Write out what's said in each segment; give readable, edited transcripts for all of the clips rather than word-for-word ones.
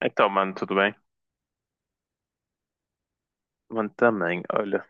Então, mano, tudo bem? Mano, também, olha,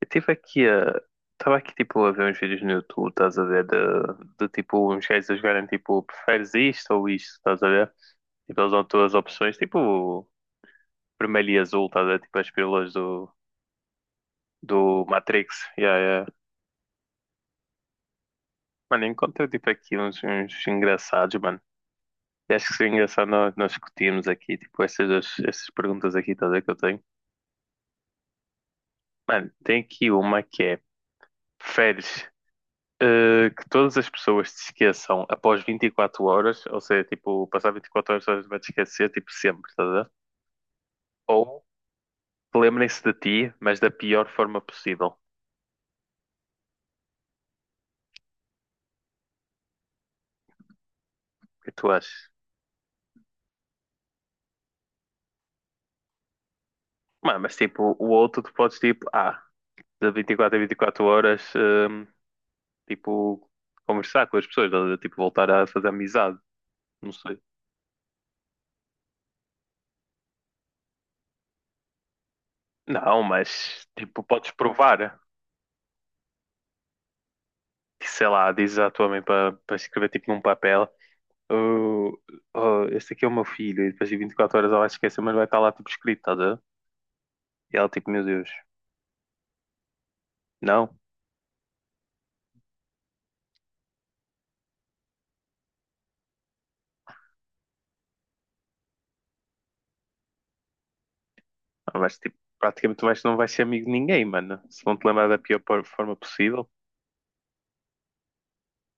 eu tive aqui a. Estava aqui tipo a ver uns vídeos no YouTube, estás a ver? De tipo uns gajos a jogarem tipo, preferes isto ou isto, estás a ver? Tipo, eles dão todas as opções, tipo vermelho e azul, estás a ver? Tipo as pílulas do, do Matrix. Yeah, yeah. Mano, encontrei tipo aqui uns, uns engraçados, mano. E acho que seria engraçado nós discutirmos aqui, tipo, essas, essas perguntas aqui, estás a ver que eu tenho. Mano, tem aqui uma que é. Preferes que todas as pessoas se esqueçam após 24 horas, ou seja, tipo, passar 24 horas todas vai te esquecer, tipo, sempre, estás a ver? Ou que lembrem-se de ti, mas da pior forma possível. O que tu achas? Mano, mas tipo, o outro tu podes, tipo, ah, de 24 a 24 horas, tipo, conversar com as pessoas, estás a ver? Tipo, voltar a fazer amizade, não sei. Não, mas, tipo, podes provar. Sei lá, dizes à tua mãe para escrever, tipo, num papel. Oh, oh, este aqui é o meu filho, e depois de 24 horas ela vai esquecer, mas vai estar lá tipo escrito, estás a ver? E ela tipo, meu Deus, não, não vais, tipo, praticamente vais, não vais ser amigo de ninguém, mano. Se vão te lembrar da pior por- forma possível.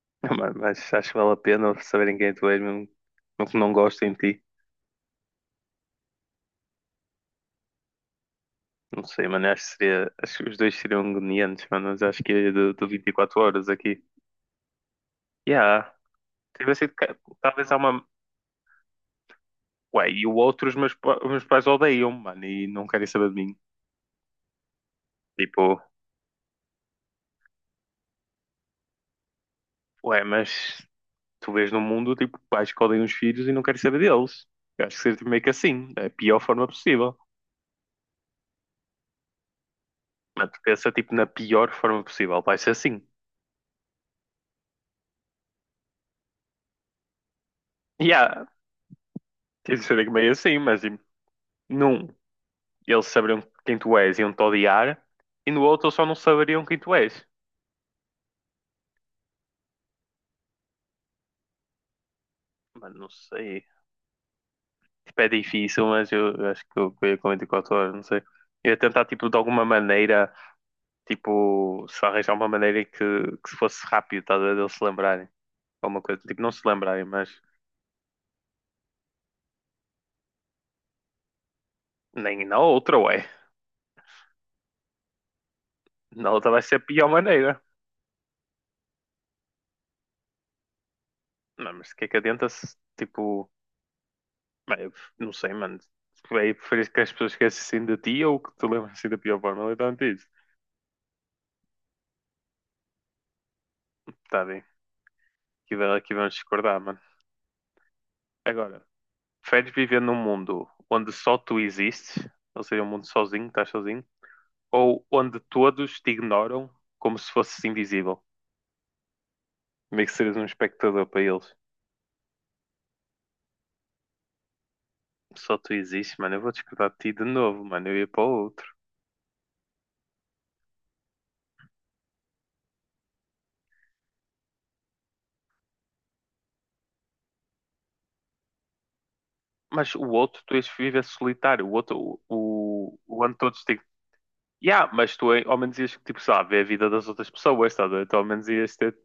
Não, mano, mas acho que vale a pena saberem quem tu és, mesmo mesmo que não gostem de ti. Não sei, mano, acho que seria, acho que os dois seriam agoniantes, mano, mas acho que é do, do 24 horas aqui. Yeah, tive sido, ca- talvez há uma. Ué, e o outro, os meus, pa- os meus pais odeiam, mano, e não querem saber de mim. Tipo, ué, mas tu vês no mundo, tipo, pais que odeiam os filhos e não querem saber deles. Eu acho que seria tipo, meio que assim, da pior forma possível. Mano, tu pensa, tipo, na pior forma possível, vai ser assim. E há, tem de ser meio assim, mas, tipo, num, eles saberiam quem tu és e iam-te odiar, e no outro eles só não saberiam quem tu és. Mano, não sei. Tipo, é difícil, mas eu acho que eu ia com 24 horas, não sei. Eu ia tentar, tipo, de alguma maneira, tipo, se arranjar uma maneira que se fosse rápido, tá, a ver, de eles se lembrarem. Alguma coisa, tipo, não se lembrarem, mas nem na outra, ué. Na outra vai ser a pior maneira. Não, mas o que é que adianta se, tipo, bem, não sei, mano. É preferir que as pessoas esquecem assim de ti ou que te lembram assim da pior forma, literalmente isso. Tá bem, aqui, vai- aqui vamos discordar, mano. Agora, preferes viver num mundo onde só tu existes, ou seja, um mundo sozinho, estás sozinho, ou onde todos te ignoram como se fosses invisível? Meio que serias um espectador para eles. Só tu existes, mano. Eu vou discordar de ti de novo, mano. Eu ia para o outro. Mas o outro, tu ias viver solitário. O outro, o ano todos, tipo. Yeah, mas tu ao menos ias, tipo, sei lá, ver a vida das outras pessoas, estás a ver? Tu ao menos ias ter.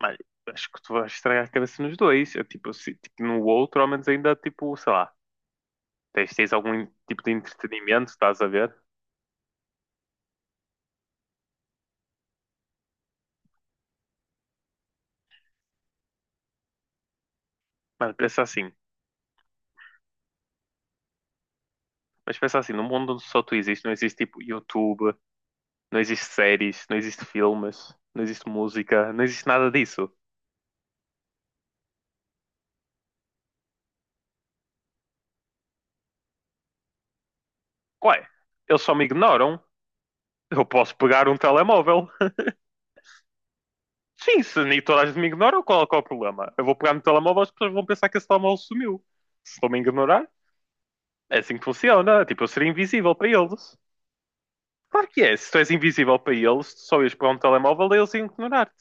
Mas acho que tu vais estragar a cabeça nos dois. Eu, tipo, se- tipo, no outro, ao menos ainda, tipo, sei lá, tens, tens algum tipo de entretenimento, estás a ver? Mano, pensa assim. Mas pensa assim, no mundo onde só tu existes, não existe, tipo, YouTube, não existe séries, não existe filmes, não existe música, não existe nada disso. Ué, eles só me ignoram. Eu posso pegar um telemóvel. Sim, se nem toda a gente me ignora, qual, qual é o problema? Eu vou pegar no telemóvel, as pessoas vão pensar que esse telemóvel sumiu. Se estão-me a ignorar, é assim que funciona. Tipo, eu seria invisível para eles. Claro que é. Se tu és invisível para eles, tu só ias pegar um telemóvel e eles iam ignorar-te.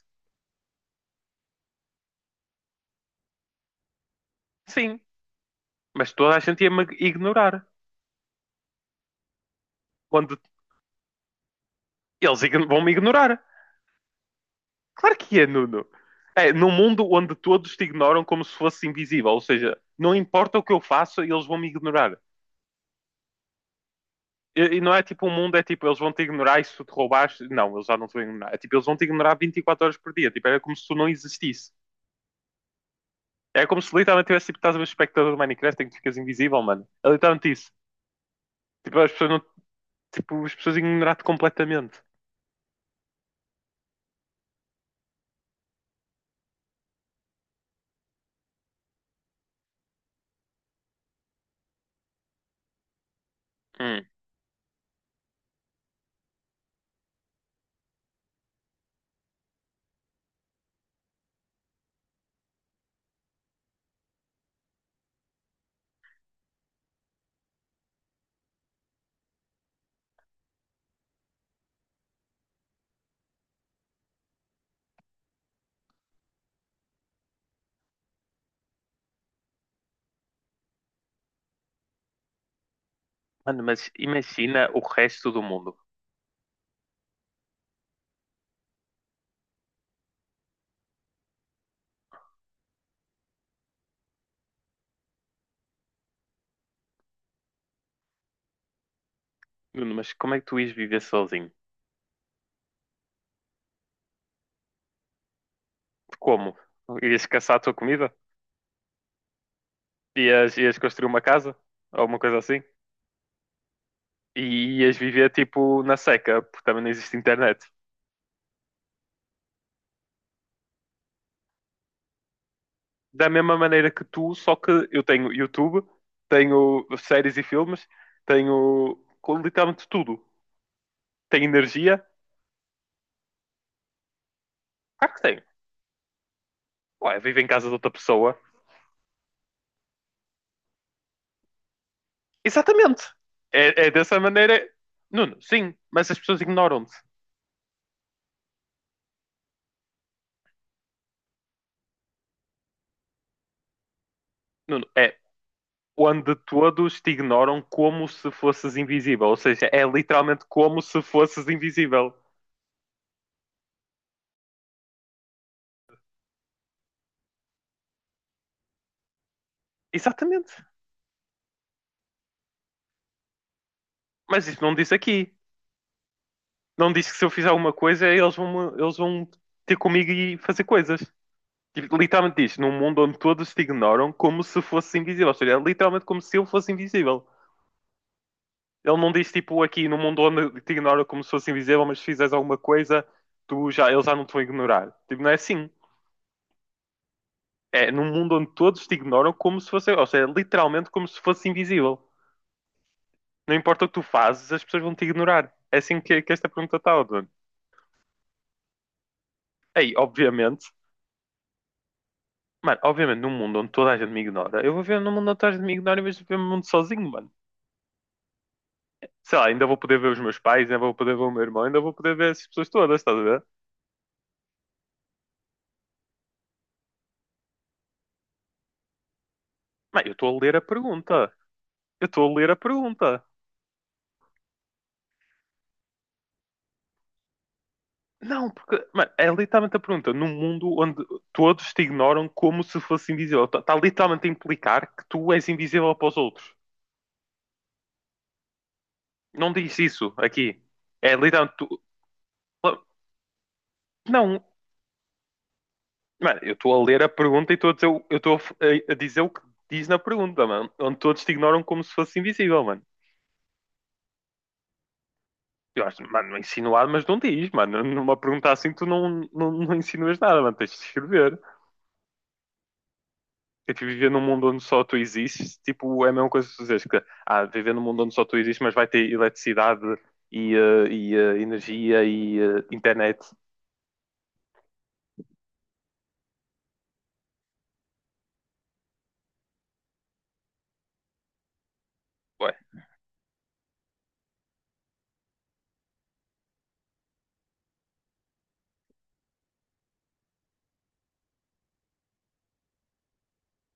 Sim. Mas toda a gente ia-me ignorar. Quando eles ign- vão-me ignorar. Claro que é, Nuno. É, num mundo onde todos te ignoram como se fosse invisível. Ou seja, não importa o que eu faço, eles vão me ignorar. E, não é tipo o mundo, é tipo, eles vão te ignorar e se tu te roubares. Não, eles já não te vão ignorar. É tipo, eles vão te ignorar 24 horas por dia. Tipo, era como se tu não existisse. É como se literalmente tivesse tipo, estás a ver espectador do Minecraft em que ficas invisível, mano. É literalmente isso. Tipo, as pessoas não. Tipo, as pessoas ignorar-te completamente. Hum. Mano, mas imagina o resto do mundo. Nuno, mas como é que tu ias viver sozinho? Como? Ias caçar a tua comida? Ias, ias construir uma casa? Ou uma coisa assim? E ias viver tipo na seca, porque também não existe internet. Da mesma maneira que tu, só que eu tenho YouTube, tenho séries e filmes, tenho com literalmente tudo. Tenho energia? Claro que tenho. Ué, vivo em casa de outra pessoa. Exatamente. É, é dessa maneira. Nuno, sim, mas as pessoas ignoram-te. Nuno, é onde todos te ignoram como se fosses invisível. Ou seja, é literalmente como se fosses invisível. Exatamente. Mas isso não diz aqui. Não diz que se eu fizer alguma coisa, eles vão ter comigo e fazer coisas. Tipo, literalmente diz, num mundo onde todos te ignoram como se fosse invisível. Ou seja, é literalmente como se eu fosse invisível. Ele não diz, tipo, aqui num mundo onde te ignoram como se fosse invisível, mas se fizeres alguma coisa, tu já, eles já não te vão ignorar. Tipo, não é assim. É num mundo onde todos te ignoram como se fosse. Ou seja, é literalmente como se fosse invisível. Não importa o que tu fazes, as pessoas vão te ignorar. É assim que esta pergunta está, Odon. Aí, obviamente. Mano, obviamente, num mundo onde toda a gente me ignora, eu vou ver num mundo onde toda a gente me ignora, mas vou ver um mundo sozinho, mano. Sei lá, ainda vou poder ver os meus pais, ainda vou poder ver o meu irmão, ainda vou poder ver essas pessoas todas, estás a ver? Mas eu estou a ler a pergunta. Eu estou a ler a pergunta. Não, porque mano, é literalmente a pergunta. Num mundo onde todos te ignoram como se fosse invisível. Está tá literalmente a implicar que tu és invisível para os outros. Não diz isso aqui. É literalmente tu. Não, mano, eu estou a ler a pergunta e estou a dizer, o- eu estou a, f- a dizer o que diz na pergunta, mano. Onde todos te ignoram como se fosse invisível, mano. Eu acho, mano, insinuado, mas não diz, mano. Numa pergunta assim, tu não, não, não insinuas nada, mano. Tens de escrever. Eu tipo, viver num mundo onde só tu existes, tipo, é a mesma coisa que tu dizes que, ah, viver num mundo onde só tu existes, mas vai ter eletricidade e, e, energia e internet. Ué,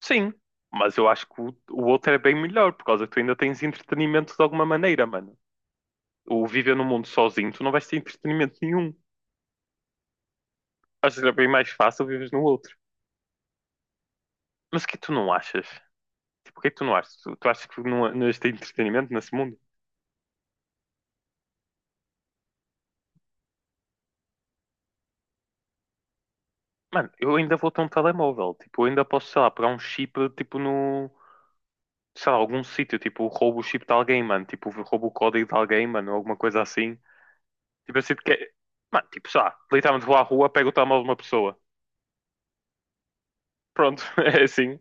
sim, mas eu acho que o outro é bem melhor, por causa que tu ainda tens entretenimento de alguma maneira, mano. O viver num mundo sozinho, tu não vais ter entretenimento nenhum. Acho que era bem mais fácil viver no outro. Mas o que tu não achas? Tipo, o que é que tu não achas? Tu, tu achas que não, não existe entretenimento nesse mundo? Mano, eu ainda vou ter um telemóvel. Tipo, eu ainda posso, sei lá, pegar um chip, tipo, no. Sei lá, algum sítio. Tipo, roubo o chip de alguém, mano. Tipo, roubo o código de alguém, mano. Alguma coisa assim. Tipo, eu sinto que é. Mano, tipo, sei lá, literalmente vou à rua, pego o telemóvel de uma pessoa. Pronto, é assim.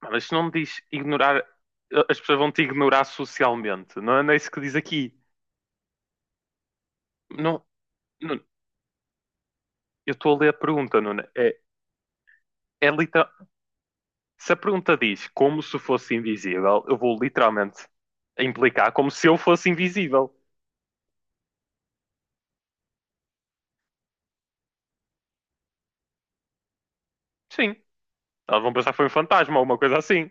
Mano, mas não me diz ignorar. As pessoas vão te ignorar socialmente. Não é não é isso que diz aqui. Não, não, eu estou a ler a pergunta, Nuno. É, é literal-. Se a pergunta diz como se fosse invisível, eu vou literalmente implicar como se eu fosse invisível. Sim, elas vão pensar que foi um fantasma ou uma coisa assim.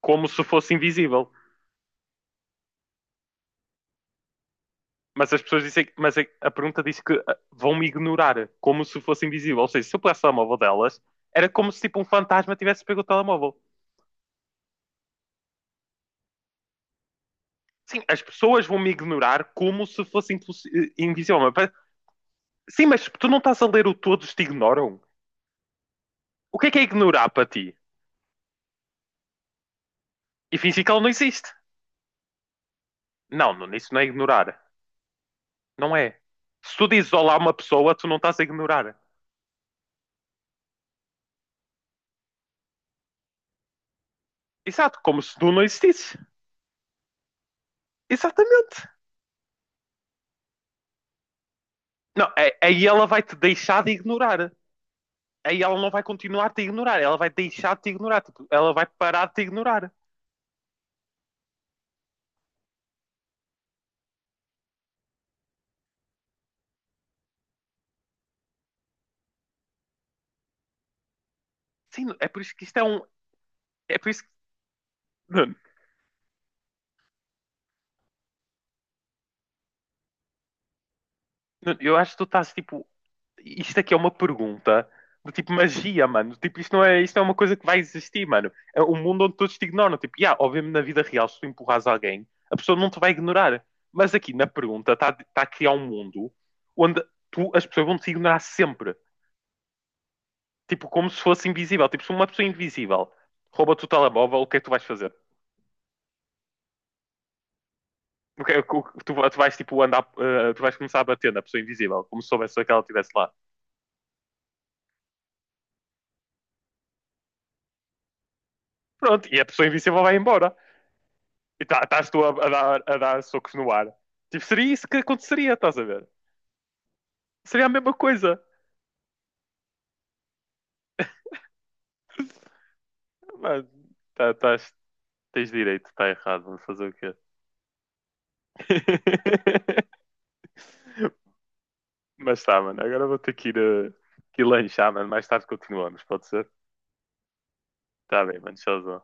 Como se fosse invisível. Mas as pessoas dizem, mas a pergunta diz que ah, vão me ignorar como se fosse invisível. Ou seja, se eu pegasse o telemóvel delas, era como se tipo um fantasma tivesse pego o telemóvel. Sim, as pessoas vão me ignorar como se fosse impossi- invisível. Mas parece-. Sim, mas tu não estás a ler o todos te ignoram. O que é ignorar para ti? E fingir que ela não existe. Não, Nuno, isso não é ignorar. Não é. Se tu dizes olá a uma pessoa, tu não estás a ignorar. Exato, como se tu não existisse. Exatamente. Não, é- aí ela vai te deixar de ignorar. Aí ela não vai continuar a te ignorar. Ela vai deixar de te ignorar. Tipo, ela vai parar de te ignorar. Sim, é por isso que isto é um. É por isso que. Nuno, eu acho que tu estás tipo. Isto aqui é uma pergunta do tipo magia, mano. Tipo, isto não é uma coisa que vai existir, mano. É um mundo onde todos te ignoram. Tipo, yeah, obviamente na vida real, se tu empurras alguém, a pessoa não te vai ignorar. Mas aqui na pergunta está tá a criar um mundo onde tu, as pessoas vão te ignorar sempre. Tipo, como se fosse invisível. Tipo, se uma pessoa invisível rouba-te o telemóvel, o que é que tu vais fazer? O que é que- o que-. Tu, tu vais tipo andar, tu vais começar a bater na pessoa invisível, como se soubesse que ela estivesse lá. Pronto, e a pessoa invisível vai embora. E tá- estás tu a dar socos no ar. Tipo, seria isso que aconteceria, estás a ver? Seria a mesma coisa. Mas tá- tás- tens direito, está errado, vamos fazer o quê? Mas tá, mano, agora vou ter que ir, que ir lanchar, mano. Mais tarde continuamos, pode ser? Tá bem, mano, tchauzão.